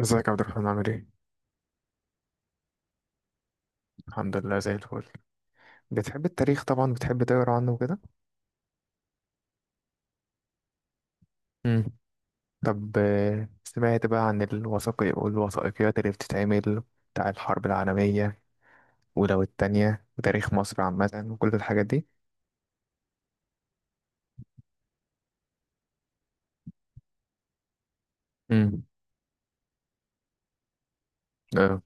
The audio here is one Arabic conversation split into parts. ازيك يا عبد الرحمن عامل ايه؟ الحمد لله، زي الفل. بتحب التاريخ طبعا، بتحب تقرا عنه وكده. مم. طب، سمعت بقى عن الوثائقي والوثائقيات اللي بتتعمل بتاع الحرب العالمية، ولو التانية، وتاريخ مصر عامة وكل الحاجات دي. مم. اه،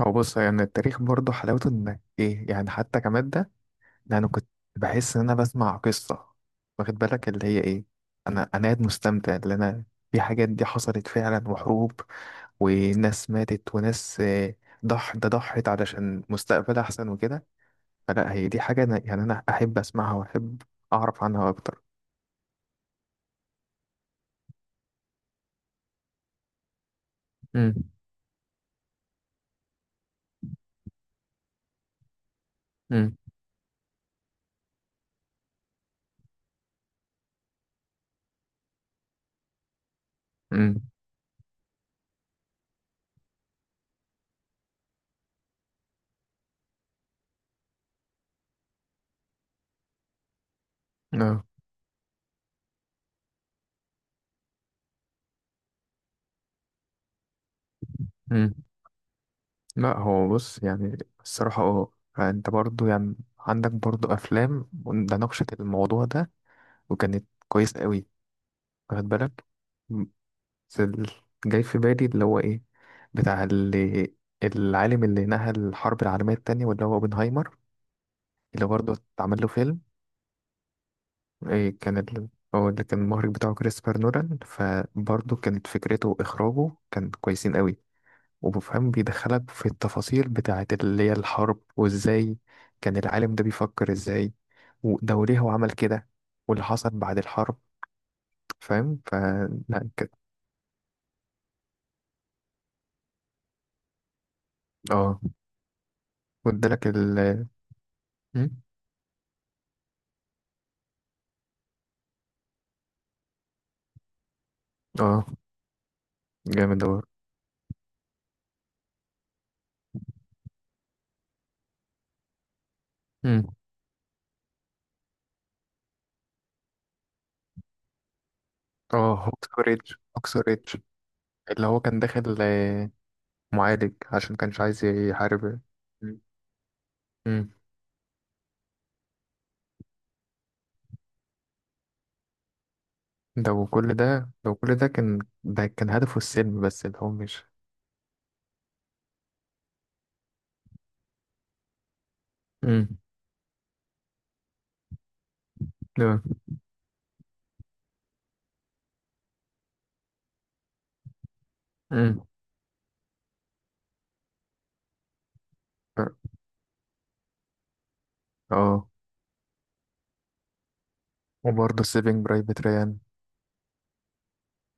هو بص، يعني التاريخ برضه حلاوته انك ايه يعني، حتى كمادة. ده انا كنت بحس ان انا بسمع قصة، واخد بالك؟ اللي هي ايه. انا قاعد مستمتع، اللي انا في حاجات دي حصلت فعلا، وحروب وناس ماتت وناس. ضح ده ضحت علشان مستقبل أحسن وكده. فلا، هي دي حاجة أنا أحب أسمعها وأحب أعرف عنها أكتر. امم. امم. امم. اه. امم. لا، هو بص، يعني الصراحة اه، أنت برضو يعني عندك برضو أفلام. ده ناقشت الموضوع ده وكانت كويس قوي، واخد بالك. م- بس جاي في بالي اللي هو إيه، بتاع اللي العالم اللي نهى الحرب العالمية التانية واللي هو اوبنهايمر، اللي برضه اتعمل له فيلم. إيه كان ال... هو اللي كان المخرج بتاعه كريستوفر نولان، فبرضه كانت فكرته وإخراجه كان كويسين قوي. وبفهم بيدخلك في التفاصيل بتاعة اللي هي الحرب، وإزاي كان العالم ده بيفكر إزاي، وده وليه هو عمل كده، واللي حصل بعد الحرب. فاهم؟ لا كده، اه. وادالك مم؟ اه. جامد أوي. مم. اه، هوكس ريدج، هوكس ريدج اللي هو كان داخل. معالج عشان كانش عايز يحارب. مم. مم. لو كل ده كان، ده كان هدفه السلم بس، اللي هو مش... امم. اه. امم. آه. وبرضه سيفينج برايفت ريان.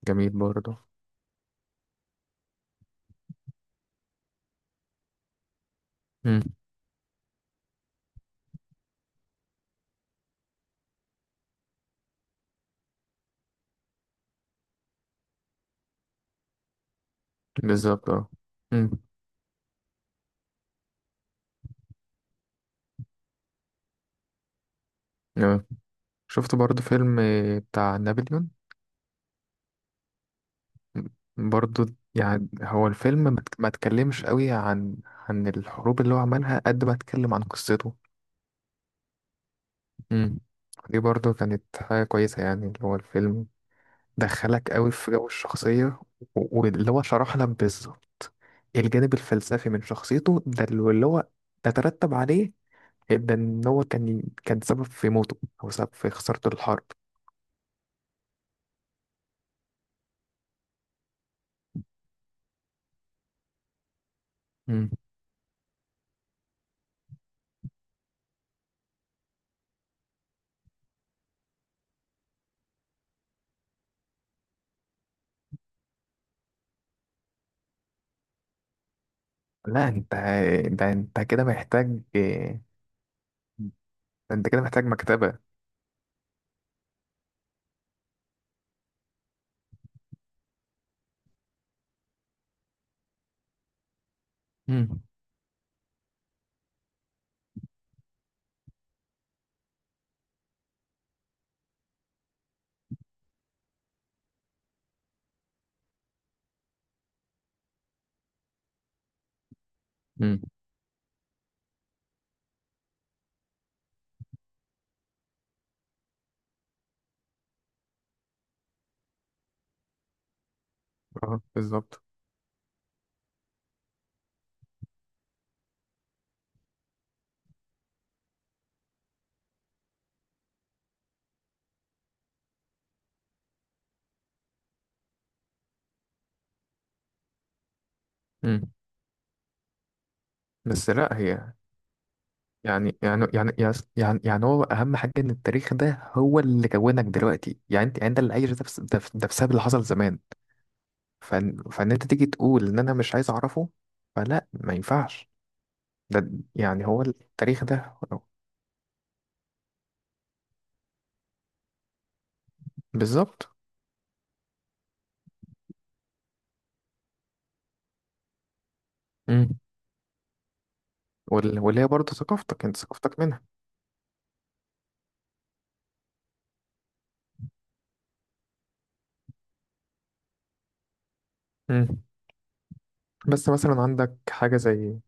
جميل برضه. امم. بالظبط، اه. امم. آه. شفت برضه فيلم، بتاع نابليون. برضه، يعني هو الفيلم ما اتكلمش قوي عن الحروب اللي هو عملها قد ما اتكلم عن قصته. امم. دي برضه كانت حاجة كويسة، يعني اللي هو الفيلم دخلك قوي في جو الشخصية. واللي هو شرح لك بالظبط الجانب الفلسفي من شخصيته، ده واللي هو ده ترتب عليه، ده ان هو كان سبب في موته، او سبب في خسارته الحرب. امم. لا انت، ده انت كده محتاج ده، انت كده محتاج مكتبة. امم. امم. اه، بالظبط. امم. بس لا هي، يعني هو اهم حاجه ان التاريخ ده هو اللي كونك دلوقتي، يعني انت اللي عايش ده، ده بسبب اللي حصل زمان. فإن انت تيجي تقول ان انا مش عايز اعرفه، فلا، ما ينفعش. ده يعني هو التاريخ ده. بالظبط. امم. واللي هي برضه ثقافتك، انت ثقافتك منها. امم. بس مثلا عندك حاجة زي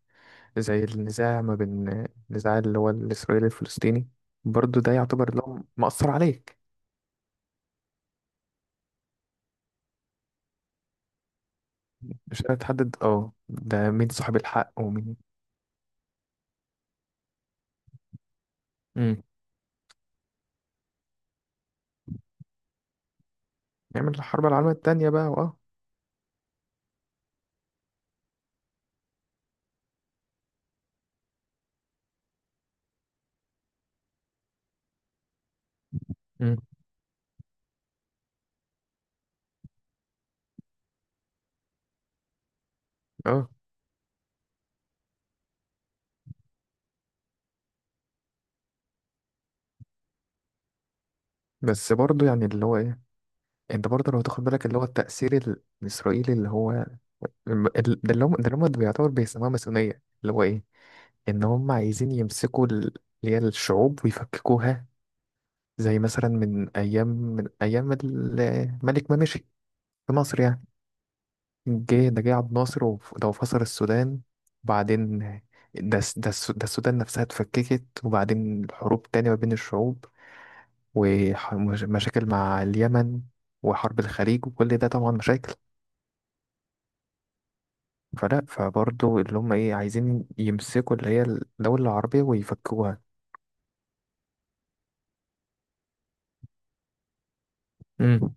زي النزاع ما بين، النزاع اللي هو الإسرائيلي الفلسطيني. برضه ده يعتبر لهم مأثر عليك. مش قادر تحدد، اه، ده مين صاحب الحق ومين. امم. نعمل الحرب العالمية التانية بقى واه. مم. اه. بس برضه يعني اللي هو ايه، انت برضه لو تاخد بالك اللي هو التأثير الإسرائيلي اللي هو ده اللي هم بيعتبر بيسموها ماسونية اللي هو إيه؟ إن هم عايزين يمسكوا اللي هي الشعوب ويفككوها. زي مثلا من أيام الملك ما مشي في مصر يعني، جه جه عبد الناصر، ده فصل السودان، وبعدين ده السودان نفسها اتفككت، وبعدين الحروب تانية ما بين الشعوب، ومشاكل مع اليمن، وحرب الخليج وكل ده طبعا مشاكل. فلا، فبرضه اللي هم ايه عايزين يمسكوا اللي هي الدولة العربية ويفكوها. امم.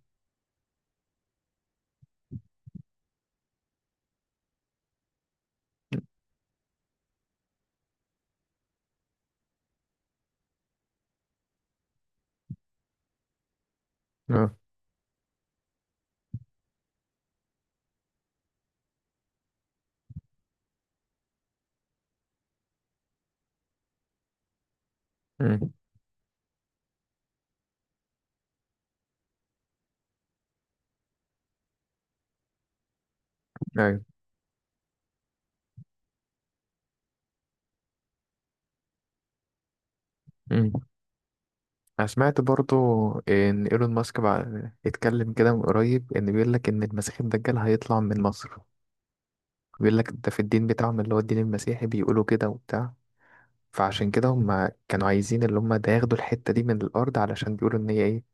اه. امم. ايوه. امم. انا سمعت برضه ان ايلون ماسك بقى اتكلم كده من قريب، ان بيقول لك ان المسيح الدجال هيطلع من مصر. بيقول لك ده في الدين بتاعهم، اللي هو الدين المسيحي بيقولوا كده وبتاع. فعشان كده هم كانوا عايزين اللي هم ده ياخدوا الحتة دي من الارض علشان بيقولوا ان هي ايه،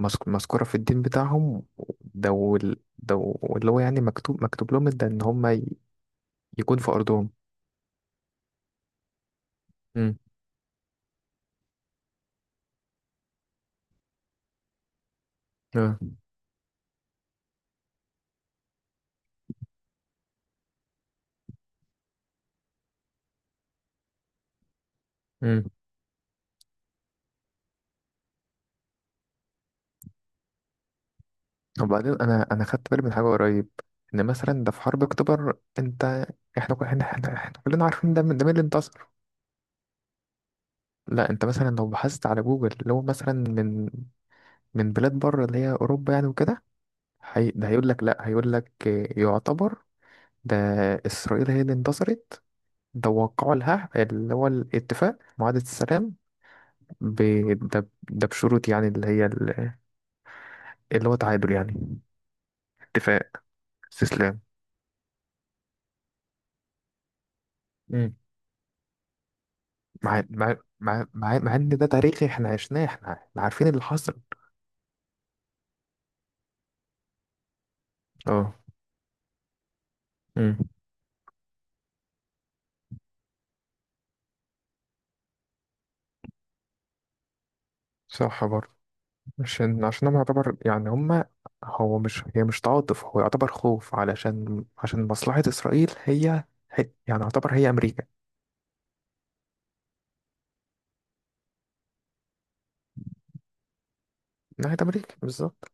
مذكورة في الدين بتاعهم. ده واللي هو يعني مكتوب لهم ده ان هم يكون في أرضهم. امم. اه. امم. وبعدين أنا خدت بالي من حاجة قريب، إن مثلا ده في حرب أكتوبر، أنت. إحنا كلنا عارفين ده، من ده مين اللي انتصر. لا، أنت مثلا لو بحثت على جوجل، اللي هو مثلا من بلاد بره، اللي هي أوروبا يعني وكده، هي ده هيقول لك، لا، هيقول لك يعتبر ده إسرائيل هي اللي انتصرت، ده وقعوا لها اللي هو الاتفاق، معاهدة السلام. ب... ده بشروط، يعني اللي هي اللي هو تعادل، يعني اتفاق استسلام. مع ان ده تاريخي، احنا عشناه، احنا عارفين اللي حصل. اه. امم. صح برضه. عشان هو يعتبر يعني هما، هو مش، هي مش تعاطف، هو يعتبر خوف، علشان مصلحة إسرائيل، هي، هي يعني يعتبر هي أمريكا. ناحية أمريكا بالظبط.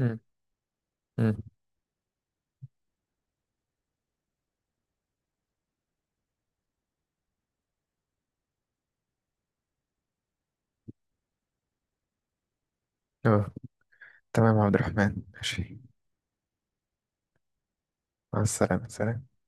امم. امم. اه. تمام يا عبد الرحمن، ماشي. مع السلامة، سلام.